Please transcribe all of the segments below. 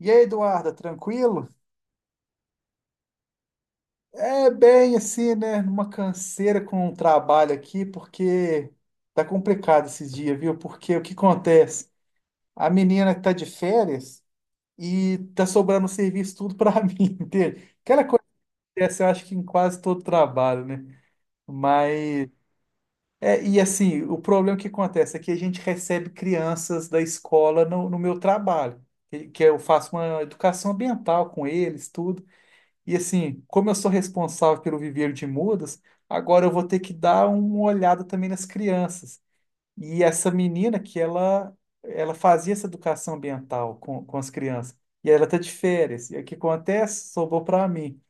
E aí, Eduarda, tranquilo? É bem assim, né? Numa canseira com o trabalho aqui, porque tá complicado esses dias, viu? Porque o que acontece? A menina tá de férias e tá sobrando serviço tudo pra mim, entende? Aquela coisa que acontece, eu acho que em quase todo trabalho, né? Mas, é, e assim, o problema que acontece é que a gente recebe crianças da escola no meu trabalho, que eu faço uma educação ambiental com eles, tudo. E assim, como eu sou responsável pelo viveiro de mudas, agora eu vou ter que dar uma olhada também nas crianças. E essa menina que ela fazia essa educação ambiental com as crianças. E ela tá de férias. E o que acontece? Sobrou para mim.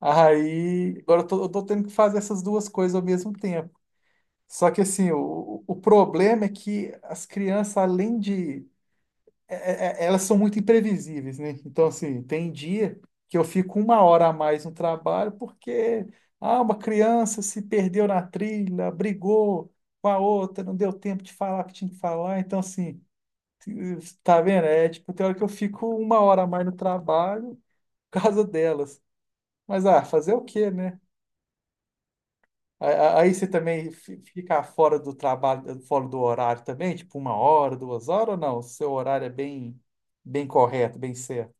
Aí, agora eu tô tendo que fazer essas duas coisas ao mesmo tempo. Só que assim, o problema é que as crianças, além de elas são muito imprevisíveis, né? Então, assim, tem dia que eu fico uma hora a mais no trabalho porque ah, uma criança se perdeu na trilha, brigou com a outra, não deu tempo de falar o que tinha que falar. Então, assim, tá vendo? É tipo, tem hora que eu fico uma hora a mais no trabalho por causa delas. Mas, ah, fazer o quê, né? Aí você também fica fora do trabalho, fora do horário também, tipo uma hora, duas horas ou não? O seu horário é bem, bem correto, bem certo.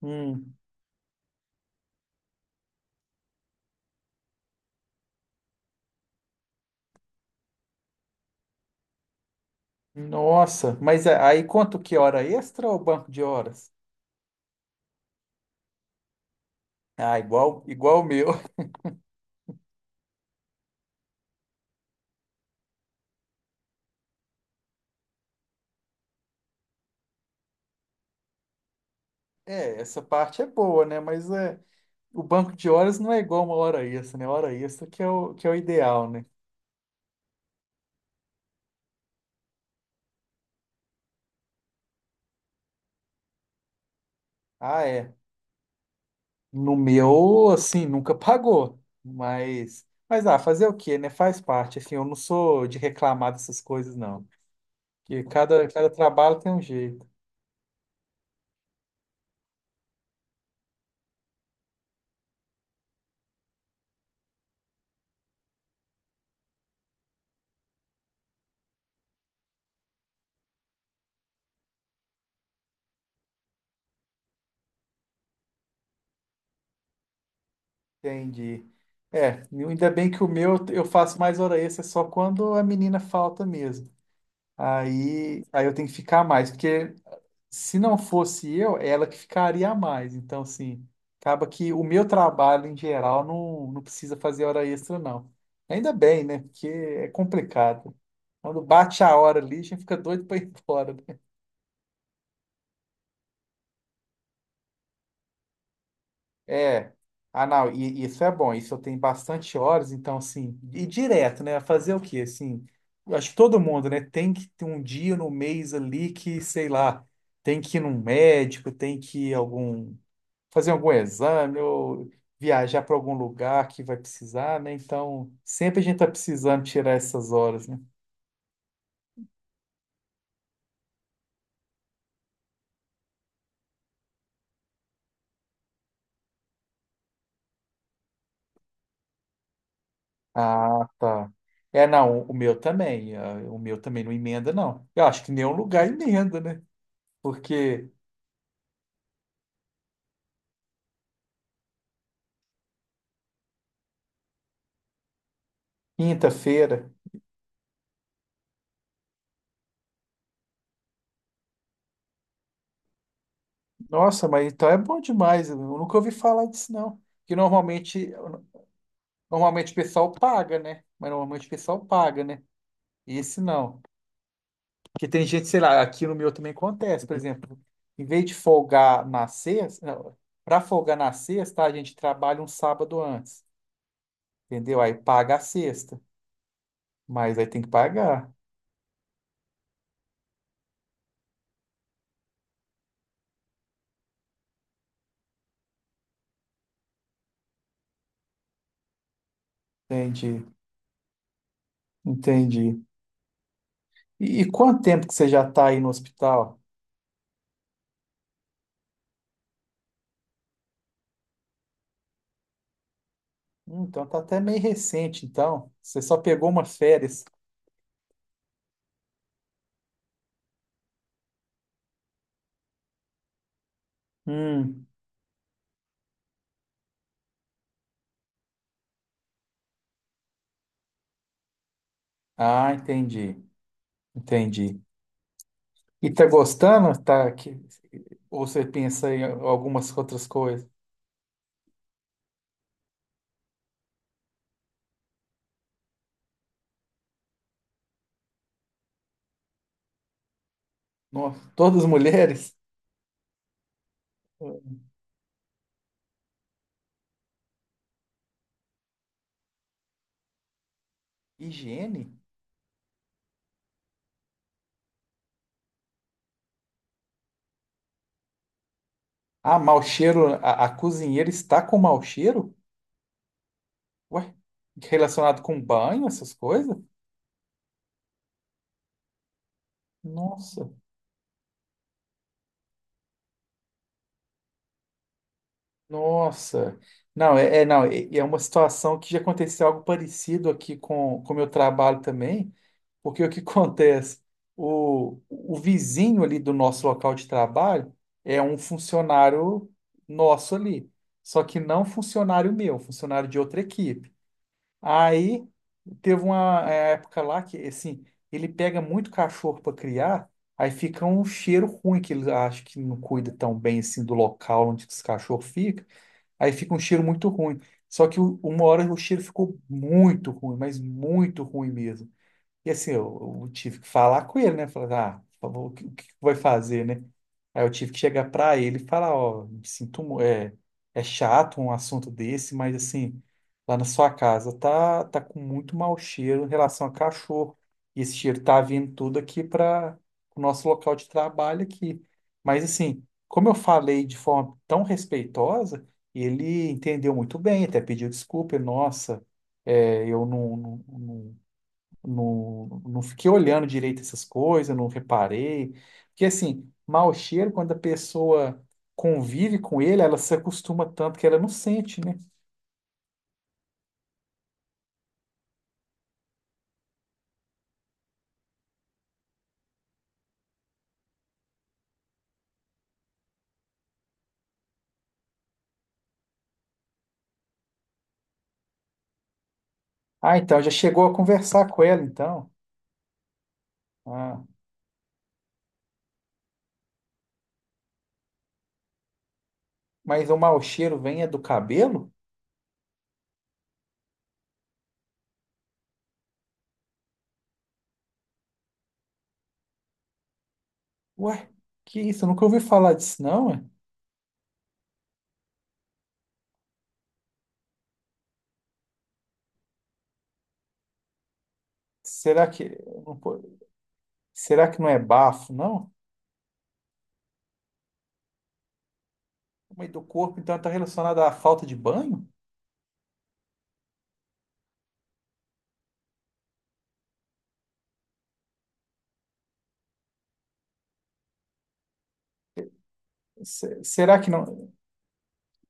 Hum, nossa, mas aí quanto que hora extra ou banco de horas? Ah, igual, igual o meu. É, essa parte é boa, né? Mas é, o banco de horas não é igual uma hora extra, né? Hora extra que é que é o ideal, né? Ah, é. No meu, assim, nunca pagou. Mas, fazer o quê, né? Faz parte. Assim, eu não sou de reclamar dessas coisas, não. Porque cada trabalho tem um jeito. Entendi. É, ainda bem que o meu eu faço mais hora extra só quando a menina falta mesmo. Aí eu tenho que ficar mais, porque se não fosse eu, é ela que ficaria mais. Então, assim, acaba que o meu trabalho em geral não, não precisa fazer hora extra, não. Ainda bem, né? Porque é complicado. Quando bate a hora ali, a gente fica doido para ir embora, né? É. Ah, não, e, isso é bom, isso eu tenho bastante horas, então, assim, e direto, né? Fazer o quê? Assim, eu acho que todo mundo, né? Tem que ter um dia no mês ali que, sei lá, tem que ir num médico, tem que ir algum, fazer algum exame ou viajar para algum lugar que vai precisar, né? Então, sempre a gente tá precisando tirar essas horas, né? Ah, tá. É, não, o meu também, ah, o meu também não emenda, não. Eu acho que nenhum lugar emenda, né? Porque quinta-feira. Nossa, mas então é bom demais. Eu nunca ouvi falar disso, não. Que normalmente, normalmente o pessoal paga, né? Mas normalmente o pessoal paga, né? Esse não. Porque tem gente, sei lá, aqui no meu também acontece, por exemplo, em vez de folgar na sexta, para folgar na sexta, a gente trabalha um sábado antes, entendeu? Aí paga a sexta, mas aí tem que pagar. Entendi, entendi. E quanto tempo que você já está aí no hospital? Então tá até meio recente, então. Você só pegou uma férias. Hum. Ah, entendi, entendi. E tá gostando? Tá aqui? Ou você pensa em algumas outras coisas? Nossa, todas mulheres? Higiene? Ah, mau cheiro, a cozinheira está com mau cheiro? Ué, relacionado com banho, essas coisas? Nossa, nossa. Não, é, é- não, é, é uma situação que já aconteceu algo parecido aqui com o meu trabalho também. Porque o que acontece? O vizinho ali do nosso local de trabalho é um funcionário nosso ali, só que não funcionário meu, funcionário de outra equipe. Aí teve uma época lá que, assim, ele pega muito cachorro para criar, aí fica um cheiro ruim, que ele acha que não cuida tão bem assim do local onde esse cachorro fica, aí fica um cheiro muito ruim. Só que uma hora o cheiro ficou muito ruim, mas muito ruim mesmo. E assim, eu tive que falar com ele, né? Falar, ah, por favor, o que vai fazer, né? Aí eu tive que chegar para ele e falar, ó, me sinto, é chato um assunto desse, mas assim, lá na sua casa tá com muito mau cheiro em relação a cachorro. E esse cheiro tá vindo tudo aqui para o nosso local de trabalho aqui. Mas assim, como eu falei de forma tão respeitosa, ele entendeu muito bem, até pediu desculpa, nossa, é, eu não, não não- não, não fiquei olhando direito essas coisas, não reparei. Porque, assim, mau cheiro, quando a pessoa convive com ele, ela se acostuma tanto que ela não sente, né? Ah, então, já chegou a conversar com ela, então. Ah, mas o mau cheiro vem é do cabelo? Ué, que isso? Eu nunca ouvi falar disso, não, ué. Será que, não pô- será que não é bafo, não? Mas do corpo, então, está relacionado à falta de banho? Se- Será que não,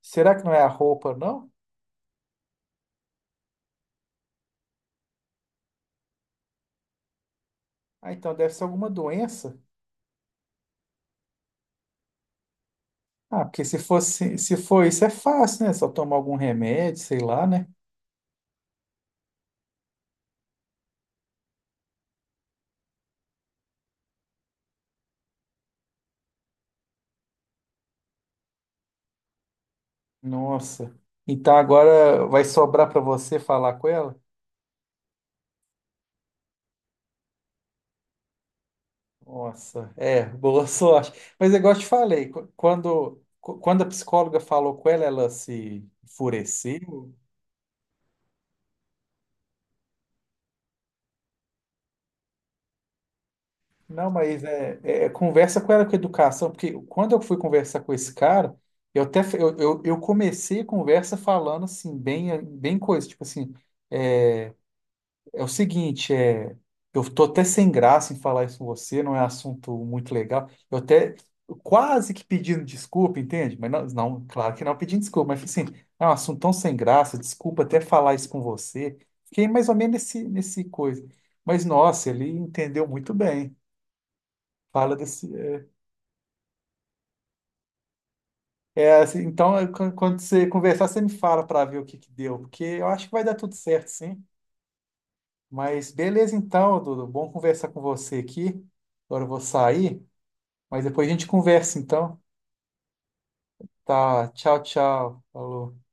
será que não é a roupa, não? Ah, então deve ser alguma doença. Ah, porque se for isso é fácil, né? Só tomar algum remédio, sei lá, né? Nossa. Então agora vai sobrar para você falar com ela? Nossa, é, boa sorte. Mas é igual eu te falei, quando a psicóloga falou com ela, ela se enfureceu. Não, mas é conversa com ela com educação, porque quando eu fui conversar com esse cara, eu até f- eu comecei a conversa falando assim, bem, bem coisa, tipo assim. é, É o seguinte, eu tô até sem graça em falar isso com você, não é assunto muito legal. Eu até quase que pedindo desculpa, entende? Mas não, não, claro que não pedindo desculpa, mas assim, é um assunto tão sem graça, desculpa até falar isso com você. Fiquei mais ou menos nesse coisa. Mas nossa, ele entendeu muito bem. Fala desse. Quando você conversar, você me fala para ver o que que deu, porque eu acho que vai dar tudo certo, sim. Mas beleza, então, Dudu, bom conversar com você aqui. Agora eu vou sair. Mas depois a gente conversa, então. Tá, tchau, tchau. Falou.